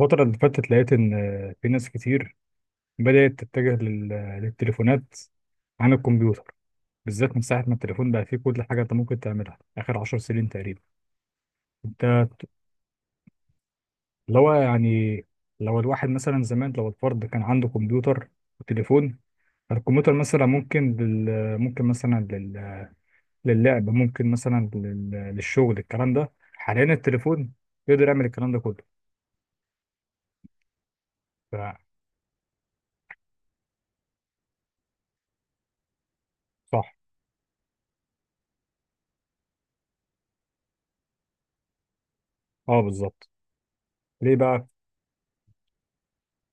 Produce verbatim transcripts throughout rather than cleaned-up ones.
الفترة اللي فاتت لقيت إن في ناس كتير بدأت تتجه لل- للتليفونات عن الكمبيوتر، بالذات من ساعة ما التليفون بقى فيه كل حاجة أنت ممكن تعملها آخر عشر سنين تقريبا. أنت ت- اللي هو يعني لو الواحد مثلا زمان، لو الفرد كان عنده كمبيوتر وتليفون، الكمبيوتر مثلا ممكن لل ممكن مثلا لل... للعب، ممكن مثلا لل... للشغل. الكلام ده حاليا التليفون يقدر يعمل الكلام ده كله. ف- صح. اه، بالظبط. ليه بقى؟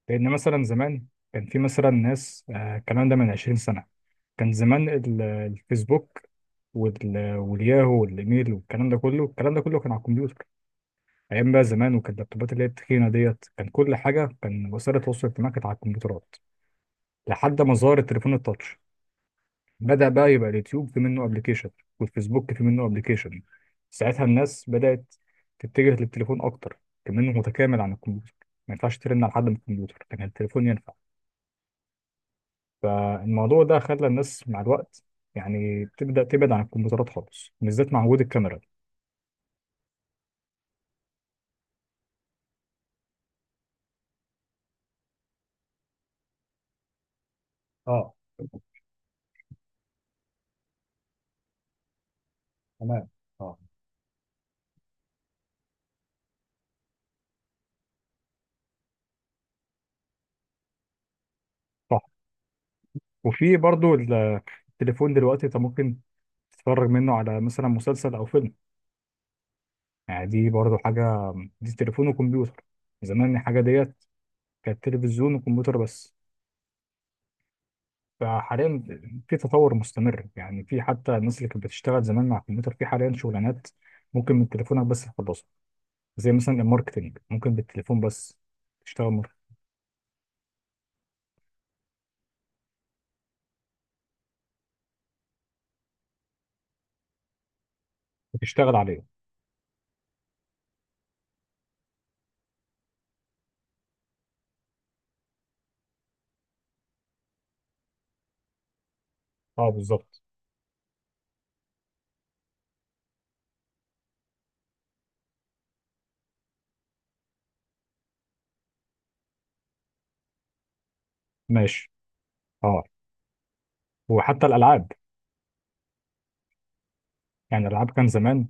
لأن مثلا زمان كان في مثلا ناس، آه، الكلام ده من عشرين سنة، كان زمان ال- الفيسبوك وال- والياهو والإيميل والكلام ده كله، الكلام ده كله كان على الكمبيوتر. أيام بقى زمان، وكان اللابتوبات اللي هي التخينة ديت، كان كل حاجة، كان وسائل التواصل الاجتماعي كانت على الكمبيوترات. لحد ما ظهر التليفون التاتش، بدأ بقى يبقى اليوتيوب في منه أبلكيشن، والفيسبوك في منه أبلكيشن. ساعتها الناس بدأت تتجه للتليفون أكتر، كمان متكامل عن الكمبيوتر. ما ينفعش ترن على حد من الكمبيوتر، كان التليفون ينفع. فالموضوع ده خلى الناس مع الوقت يعني تبدأ تبعد عن الكمبيوترات خالص، بالذات مع وجود الكاميرا. اه، تمام. اه، صح. وفي برضو، التليفون دلوقتي انت ممكن تتفرج منه على مثلا مسلسل او فيلم، يعني دي برضو حاجة، دي تليفون وكمبيوتر. زمان الحاجة ديت كانت تلفزيون وكمبيوتر بس. فحاليا في تطور مستمر، يعني في حتى الناس اللي كانت بتشتغل زمان مع الكمبيوتر، في حاليا شغلانات ممكن من تليفونك بس تخلصها، زي مثلا الماركتينج، ممكن بالتليفون بس تشتغل، بتشتغل عليه. اه، بالظبط. ماشي. اه، وحتى الالعاب. يعني الالعاب كان زمان،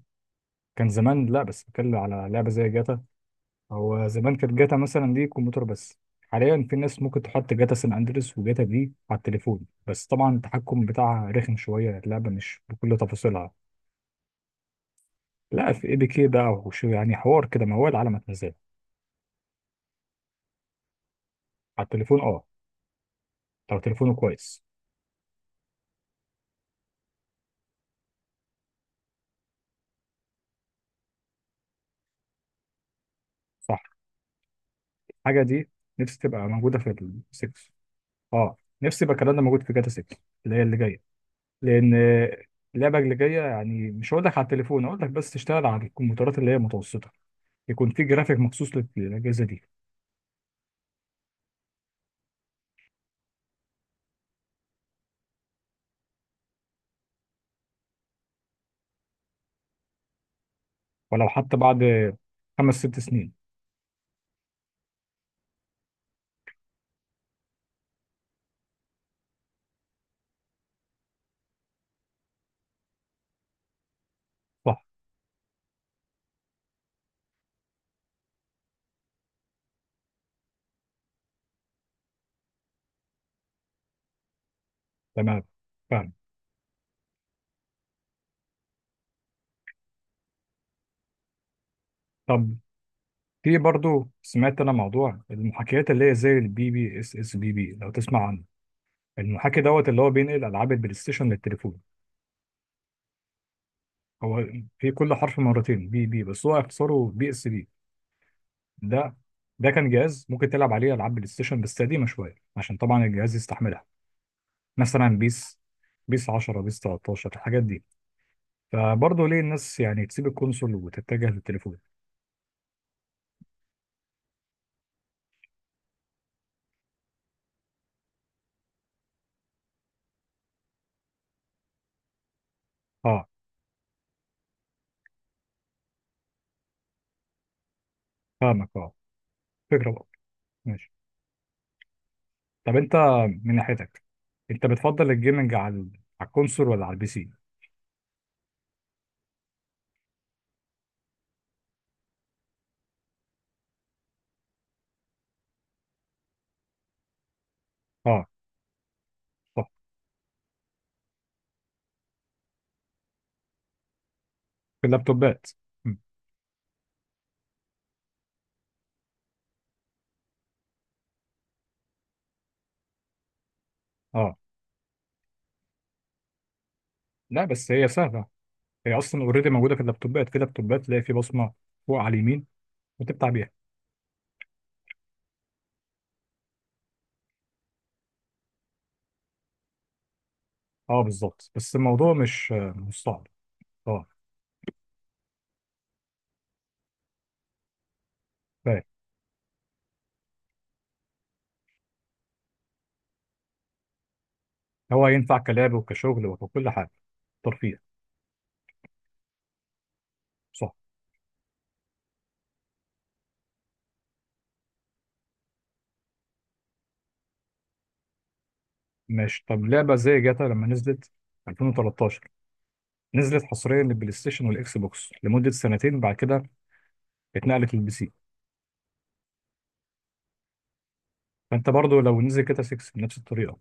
كان زمان لا، بس بتكلم على لعبه زي جاتا. هو زمان كانت جاتا مثلا دي كمبيوتر بس. حاليا في ناس ممكن تحط جاتا سان اندريس وجاتا دي على التليفون، بس طبعا التحكم بتاعها رخم شويه، اللعبه مش بكل تفاصيلها. لا، في اي بي كي بقى وشو، يعني حوار كده، موال على ما هو العالم هتنزله على التليفون. اه، لو تليفونه كويس. صح. الحاجه دي نفسي تبقى موجوده في ال ستة. اه، نفسي يبقى الكلام ده موجود في جاتا ستة اللي هي اللي جايه. لان اللعبه اللي جايه يعني مش هقول لك على التليفون، هقول لك بس تشتغل على الكمبيوترات اللي هي متوسطه، يكون في جرافيك مخصوص للاجهزه دي. ولو حتى بعد خمس ست سنين. صح. تمام. فاهم. طب في برضو، سمعت انا موضوع المحاكيات اللي هي زي البي بي اس اس بي بي لو تسمع عنه، المحاكي دوت اللي هو بينقل العاب البلاي ستيشن للتليفون. هو في كل حرف مرتين، بي بي، بس هو اختصاره بي اس بي. ده ده كان جهاز ممكن تلعب عليه العاب بلاي ستيشن بس قديمه شويه، عشان طبعا الجهاز يستحملها. مثلا بيس، بيس عشرة، بيس ثلاثة عشر، الحاجات دي. فبرضه ليه الناس يعني تسيب الكونسول وتتجه للتليفون؟ اه، فاهمك. اه، فكرة برضه. ماشي. طب انت من ناحيتك، انت بتفضل الجيمنج على ال- على الكونسول ولا على البي سي؟ اه. صح. في اللابتوبات. م. اه. لا، بس هي سهلة. هي اصلا اوريدي موجودة في اللابتوبات، في لابتوبات تلاقي في بصمة فوق على اليمين وتفتح بيها. اه، بالظبط. بس الموضوع مش، آه، مش صعب. اه. فاهم. هو ينفع كلعب وكشغل وككل حاجة، ترفيه. صح. ماشي. طب لعبة زي جاتا لما نزلت ألفين وتلتاشر، نزلت حصريا للبلاي ستيشن والاكس بوكس لمدة سنتين، بعد كده اتنقلت للبي سي. فانت برضو لو نزل جاتا ستة بنفس الطريقة،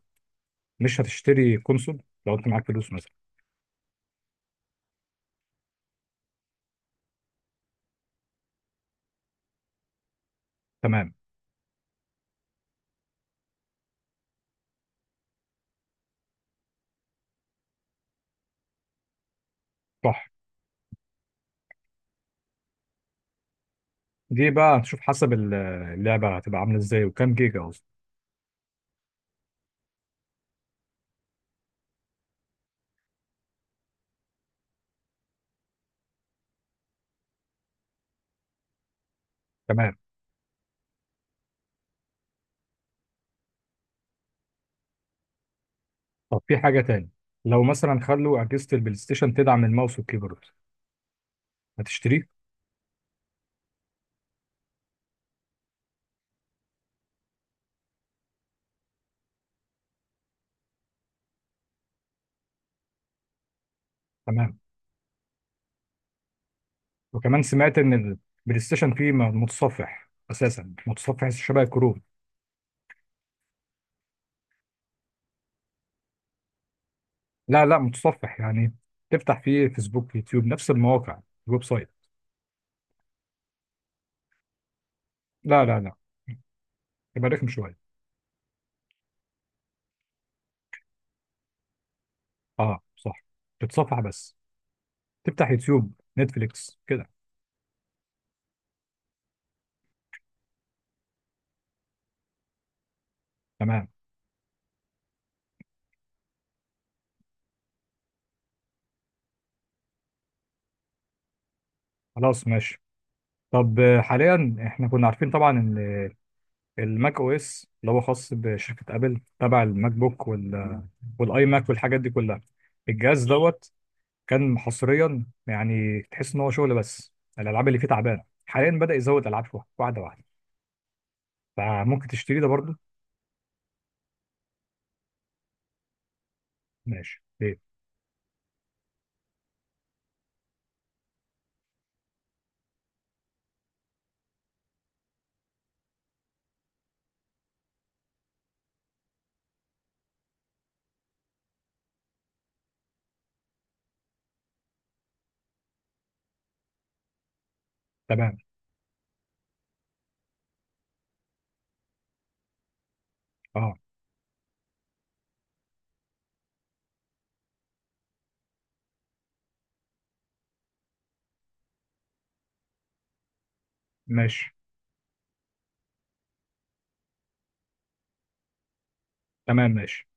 مش هتشتري كونسول لو انت معاك فلوس مثلا؟ تمام. صح. دي بقى هتشوف حسب ال- اللعبة هتبقى عاملة ازاي وكام جيجا اصلا. تمام. طب في حاجة تاني، لو مثلا خلوا أجهزة البلاي ستيشن تدعم الماوس والكيبورد، هتشتريه؟ تمام. وكمان سمعت ان البلاي ستيشن فيه م- متصفح، اساسا متصفح شبه الكروت. لا لا، متصفح يعني تفتح فيه فيسبوك، يوتيوب، نفس المواقع، الويب سايت. لا لا لا، يبقى رخم شويه. اه، صح. تتصفح بس، تفتح يوتيوب، نتفليكس كده. تمام. خلاص، ماشي. طب آه، حاليا احنا كنا عارفين طبعا ان الماك او اس اللي هو خاص بشركه ابل، تبع الماك بوك وال والاي ماك والحاجات دي كلها، الجهاز دوت كان حصريا، يعني تحس ان هو شغل بس. الالعاب اللي فيه تعبانه، حاليا بدا يزود العاب شويه واحده واحده، فممكن تشتري ده برضه. ماشي طيب. تمام. اه. ماشي. تمام. ماشي.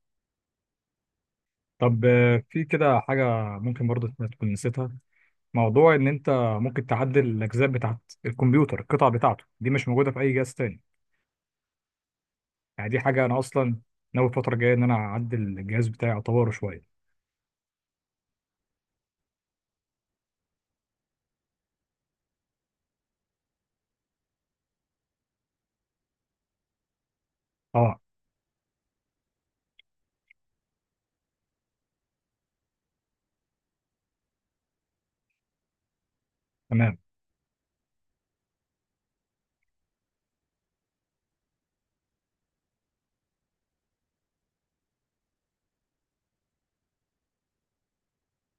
طب آه، في كده حاجة ممكن برضه إنت تكون نسيتها، موضوع إن أنت ممكن تعدل الأجزاء بتاعت الكمبيوتر. القطع بتاعته دي مش موجودة في أي جهاز تاني. يعني دي حاجة أنا أصلا ناوي الفترة الجاية إن أنا أعدل الجهاز بتاعي، أطوره شوية. اه. تمام.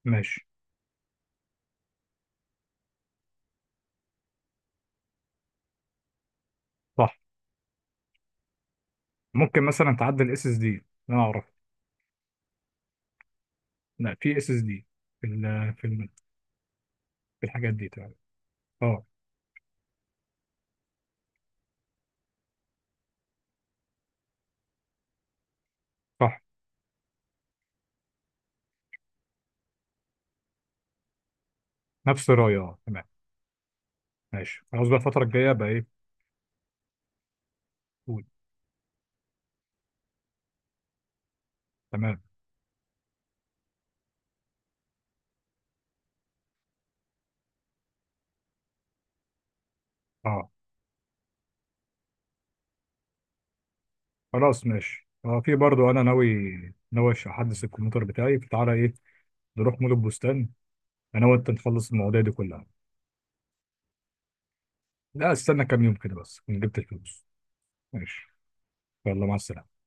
ماشي. صح. ممكن مثلا تعدل اس اس دي أنا أعرف. لا، في اس اس دي، في ال- في ال- في الحاجات دي، تمام. اه. صح. نفس الرأي، اه. تمام. ماشي. خلاص بقى الفترة الجاية بقى إيه؟ قول. تمام. اه. خلاص، ماشي. اه، في برضه انا ناوي، ناوي احدث الكمبيوتر بتاعي. فتعالى ايه، نروح مول البستان انا وانت نخلص المواضيع دي كلها. لا، استنى كام يوم كده، بس كنت جبت الفلوس. ماشي. يلا، مع السلامه.